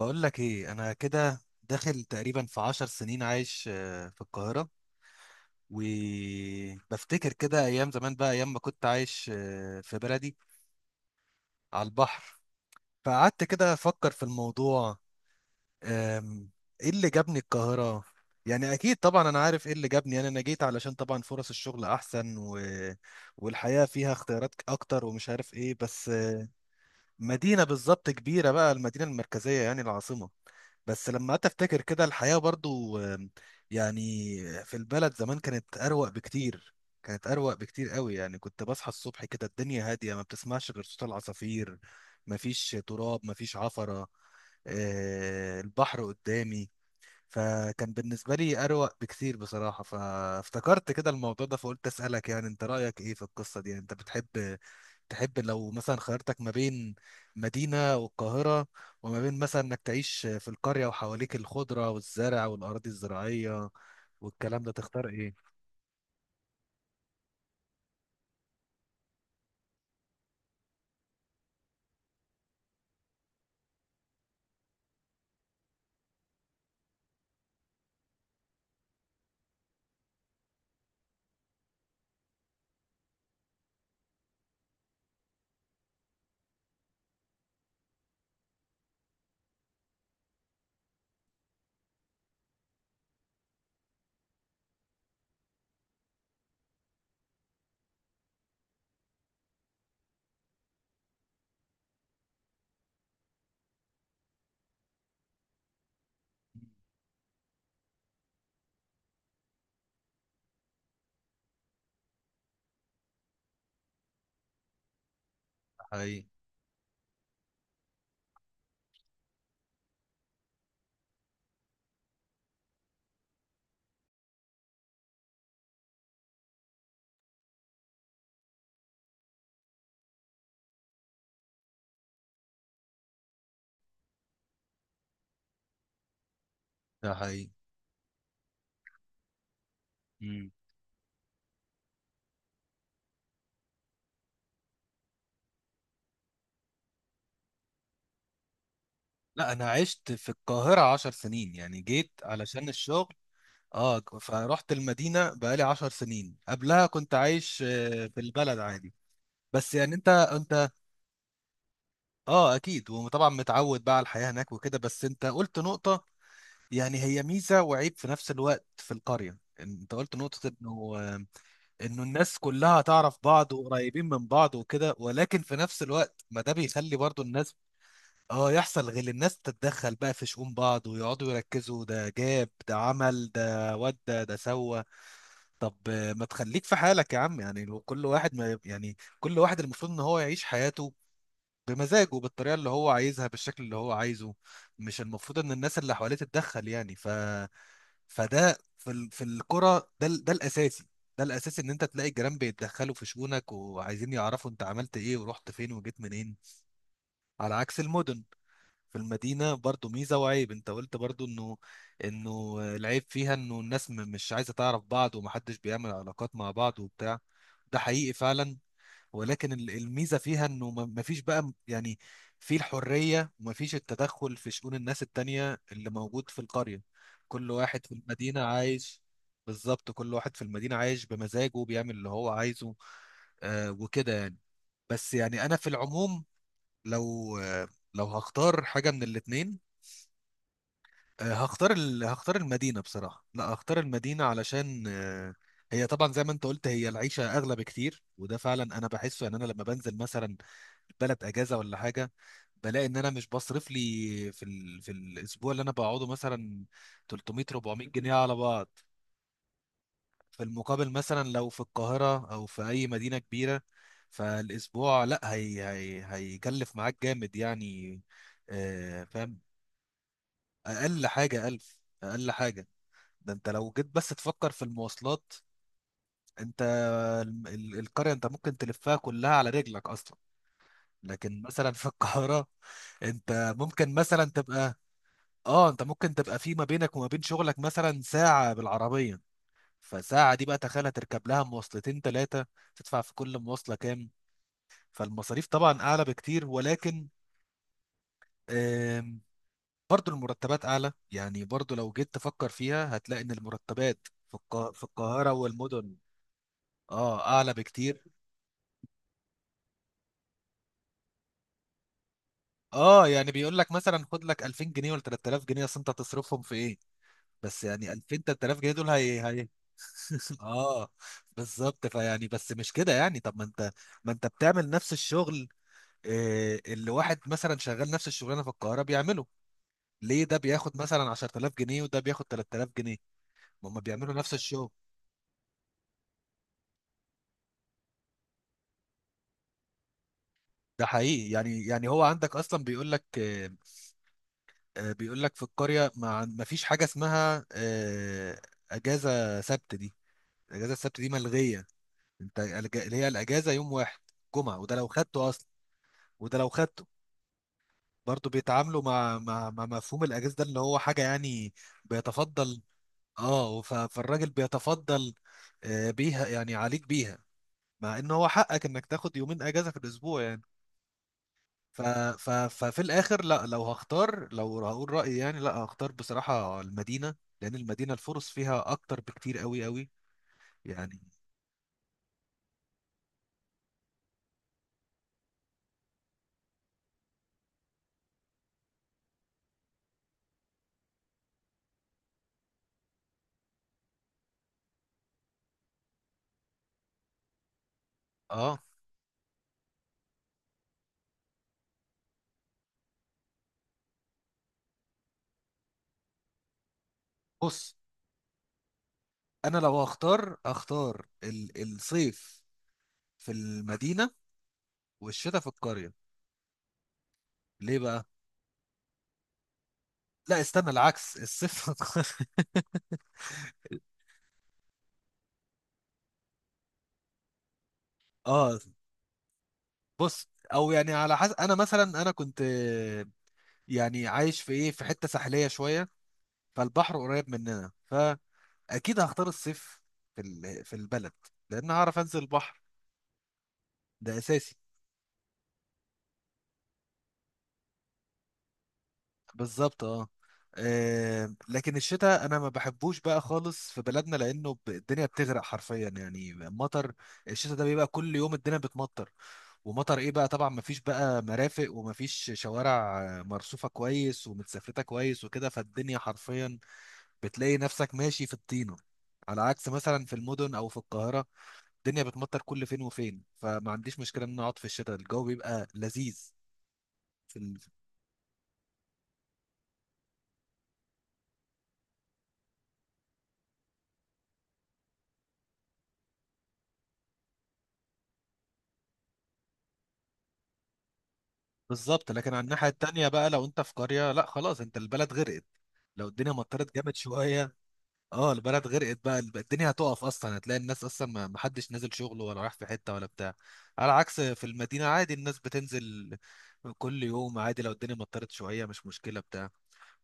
بقول لك ايه؟ انا كده داخل تقريبا في 10 سنين عايش في القاهرة. وبفتكر كده ايام زمان بقى، ايام ما كنت عايش في بلدي على البحر. فقعدت كده افكر في الموضوع. آم، ايه اللي جابني القاهرة؟ يعني اكيد طبعا انا عارف ايه اللي جابني. يعني انا جيت علشان طبعا فرص الشغل احسن والحياة فيها اختيارات اكتر ومش عارف ايه، بس مدينة بالظبط، كبيرة بقى، المدينة المركزية يعني، العاصمة. بس لما قعدت افتكر كده الحياة برضو، يعني في البلد زمان كانت اروق بكتير. كانت اروق بكتير قوي. يعني كنت بصحى الصبح كده الدنيا هادية، ما بتسمعش غير صوت العصافير. مفيش تراب، مفيش عفرة. البحر قدامي. فكان بالنسبة لي أروق بكتير بصراحة. فافتكرت كده الموضوع ده، فقلت أسألك يعني أنت رأيك إيه في القصة دي. يعني أنت تحب لو مثلا خيرتك ما بين مدينة والقاهرة وما بين مثلا إنك تعيش في القرية وحواليك الخضرة والزرع والأراضي الزراعية والكلام ده، تختار إيه؟ ده حقيقي، ده حقيقي. مم. لا، أنا عشت في القاهرة 10 سنين. يعني جيت علشان الشغل. اه، فرحت المدينة بقالي 10 سنين. قبلها كنت عايش في البلد عادي. بس يعني انت، اه اكيد، وطبعا متعود بقى على الحياة هناك وكده. بس انت قلت نقطة، يعني هي ميزة وعيب في نفس الوقت في القرية. انت قلت نقطة انه الناس كلها تعرف بعض وقريبين من بعض وكده، ولكن في نفس الوقت ما ده بيخلي برضو الناس، اه، يحصل غل. الناس تتدخل بقى في شؤون بعض، ويقعدوا يركزوا ده جاب ده، عمل ده، ودى ده سوى. طب ما تخليك في حالك يا عم. يعني لو كل واحد، ما يعني، كل واحد المفروض ان هو يعيش حياته بمزاجه، بالطريقه اللي هو عايزها، بالشكل اللي هو عايزه. مش المفروض ان الناس اللي حواليه تتدخل يعني. فده في الكرة، ده الاساسي ان انت تلاقي الجيران بيتدخلوا في شؤونك وعايزين يعرفوا انت عملت ايه ورحت فين وجيت منين، على عكس المدن. في المدينة برضو ميزة وعيب، انت قلت برضو انه العيب فيها انه الناس مش عايزة تعرف بعض، ومحدش بيعمل علاقات مع بعض وبتاع. ده حقيقي فعلا. ولكن الميزه فيها انه ما فيش بقى يعني، في الحريه، وما فيش التدخل في شؤون الناس التانية اللي موجود في القريه. كل واحد في المدينه عايش. بالظبط، كل واحد في المدينه عايش بمزاجه، بيعمل اللي هو عايزه، آه، وكده يعني. بس يعني انا في العموم، لو آه لو هختار حاجه من الاتنين، هختار المدينة بصراحة. لا، هختار المدينة علشان، هي طبعا زي ما انت قلت، هي العيشة أغلى بكتير، وده فعلا أنا بحسه. يعني أنا لما بنزل مثلا بلد أجازة ولا حاجة، بلاقي إن أنا مش بصرف لي في الأسبوع اللي أنا بقعده مثلا 300 400 جنيه على بعض. في المقابل مثلا لو في القاهرة أو في أي مدينة كبيرة، فالأسبوع، لا هيكلف معاك جامد يعني، فاهم؟ أقل حاجة 1000. أقل حاجة. ده انت لو جيت بس تفكر في المواصلات، انت القرية انت ممكن تلفها كلها على رجلك اصلا، لكن مثلا في القاهرة انت ممكن مثلا تبقى اه انت ممكن تبقى في ما بينك وما بين شغلك مثلا ساعة بالعربية. فساعة دي بقى تخيل هتركب لها مواصلتين ثلاثة، تدفع في كل مواصلة كام؟ فالمصاريف طبعا اعلى بكتير، ولكن آم، برضو المرتبات اعلى. يعني برضو لو جيت تفكر فيها هتلاقي ان المرتبات في القاهرة والمدن اه اعلى بكتير. اه يعني بيقول لك مثلا خد لك 2000 جنيه ولا 3000 جنيه، اصل انت هتصرفهم في ايه؟ بس يعني 2000 3000 جنيه دول هي هي. اه، بالظبط. فيعني بس مش كده يعني. طب ما انت بتعمل نفس الشغل، اللي واحد مثلا شغال نفس الشغلانه في القاهره بيعمله، ليه ده بياخد مثلا 10000 جنيه وده بياخد 3000 جنيه؟ ما هم بيعملوا نفس الشغل. ده حقيقي. يعني هو عندك اصلا بيقول لك في القريه، ما فيش حاجه اسمها، اجازه سبت دي اجازه السبت دي ملغيه. انت اللي هي الاجازه يوم واحد، جمعه، وده لو خدته اصلا. وده لو خدته برضه بيتعاملوا مع مفهوم الاجازه ده، اللي هو حاجه يعني بيتفضل. اه، فالراجل بيتفضل بيها، يعني عليك بيها، مع ان هو حقك انك تاخد يومين اجازه في الاسبوع يعني. ف ف ففي الاخر، لا، لو هختار، لو هقول رايي يعني، لا هختار بصراحه المدينه، لان المدينه الفرص فيها اكتر بكتير قوي قوي يعني. اه، بص، انا لو هختار، هختار الصيف في المدينة والشتاء في القرية. ليه بقى؟ لا، استنى، العكس: الصيف في القرية. اه، بص، او يعني على حسب. انا مثلا انا كنت، يعني عايش في حتة ساحلية شوية، فالبحر قريب مننا، فاكيد هختار الصيف في البلد، لان هعرف انزل البحر. ده اساسي. بالظبط، اه. لكن الشتاء انا ما بحبوش بقى خالص في بلدنا، لانه، الدنيا بتغرق حرفيا، يعني مطر. الشتاء ده بيبقى كل يوم الدنيا بتمطر، ومطر ايه بقى طبعا؟ مفيش بقى مرافق، ومفيش شوارع مرصوفة كويس ومتسفلتة كويس وكده، فالدنيا حرفيا بتلاقي نفسك ماشي في الطينة. على عكس مثلا في المدن او في القاهرة، الدنيا بتمطر كل فين وفين، فما عنديش مشكلة ان أنا اقعد في الشتاء، الجو بيبقى لذيذ. في ال... بالظبط. لكن على الناحية التانية بقى، لو انت في قرية، لا خلاص انت البلد غرقت لو الدنيا مطرت جامد شوية. اه، البلد غرقت بقى، الدنيا هتقف اصلا، هتلاقي الناس اصلا ما حدش نازل شغله ولا رايح في حته ولا بتاع. على عكس في المدينه عادي الناس بتنزل كل يوم عادي، لو الدنيا مطرت شويه مش مشكله بتاع.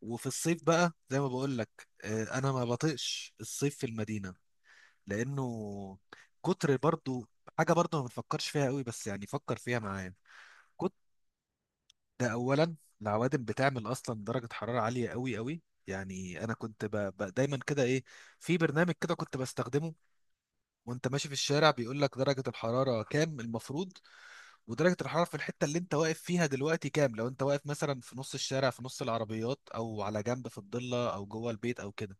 وفي الصيف بقى زي ما بقول لك، انا ما بطيقش الصيف في المدينه، لانه كتر برضو، حاجه برضو ما بنفكرش فيها قوي، بس يعني فكر فيها معايا. كنت ده اولا، العوادم بتعمل اصلا درجه حراره عاليه قوي قوي. يعني انا كنت، دايما كده، ايه، في برنامج كده كنت بستخدمه، وانت ماشي في الشارع بيقول لك درجة الحرارة كام المفروض، ودرجة الحرارة في الحتة اللي انت واقف فيها دلوقتي كام، لو انت واقف مثلا في نص الشارع في نص العربيات، او على جنب في الضلة، او جوه البيت او كده.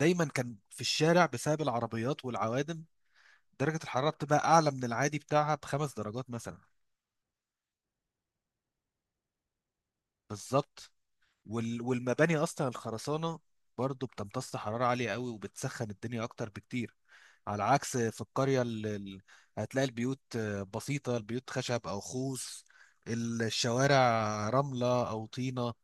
دايما كان في الشارع بسبب العربيات والعوادم درجة الحرارة بتبقى اعلى من العادي بتاعها ب5 درجات مثلا. بالظبط. والمباني اصلا، الخرسانة برضه بتمتص حرارة عالية قوي وبتسخن الدنيا اكتر بكتير، على عكس في القرية، اللي هتلاقي البيوت بسيطة، البيوت خشب أو خوص، الشوارع رملة أو طينة،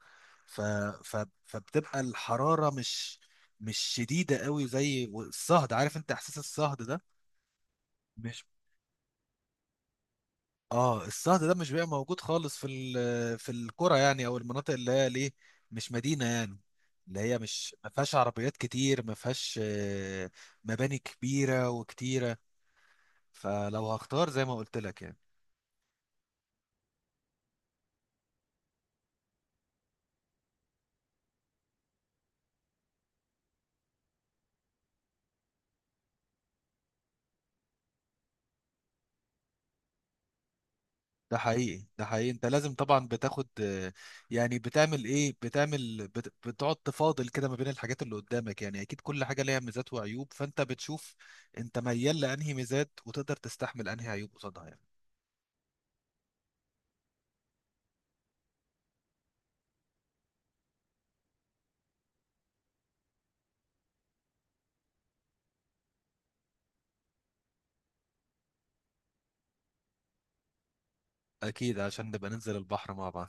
ف... ف... فبتبقى الحرارة مش شديدة قوي زي الصهد. عارف انت احساس الصهد ده؟ مش، اه الصهد ده مش بيبقى موجود خالص في القرى يعني، او المناطق اللي هي ليه مش مدينة يعني، اللي هي مش، ما فيهاش عربيات كتير، ما فيهاش مباني كبيرة وكتيرة. فلو هختار زي ما قلت لك يعني. ده حقيقي، ده حقيقي. انت لازم طبعا بتاخد، يعني بتعمل ايه، بتقعد تفاضل كده ما بين الحاجات اللي قدامك. يعني اكيد كل حاجة ليها ميزات وعيوب، فانت بتشوف انت ميال لانهي ميزات وتقدر تستحمل انهي عيوب قصادها يعني. اكيد، عشان نبقى ننزل البحر مع بعض.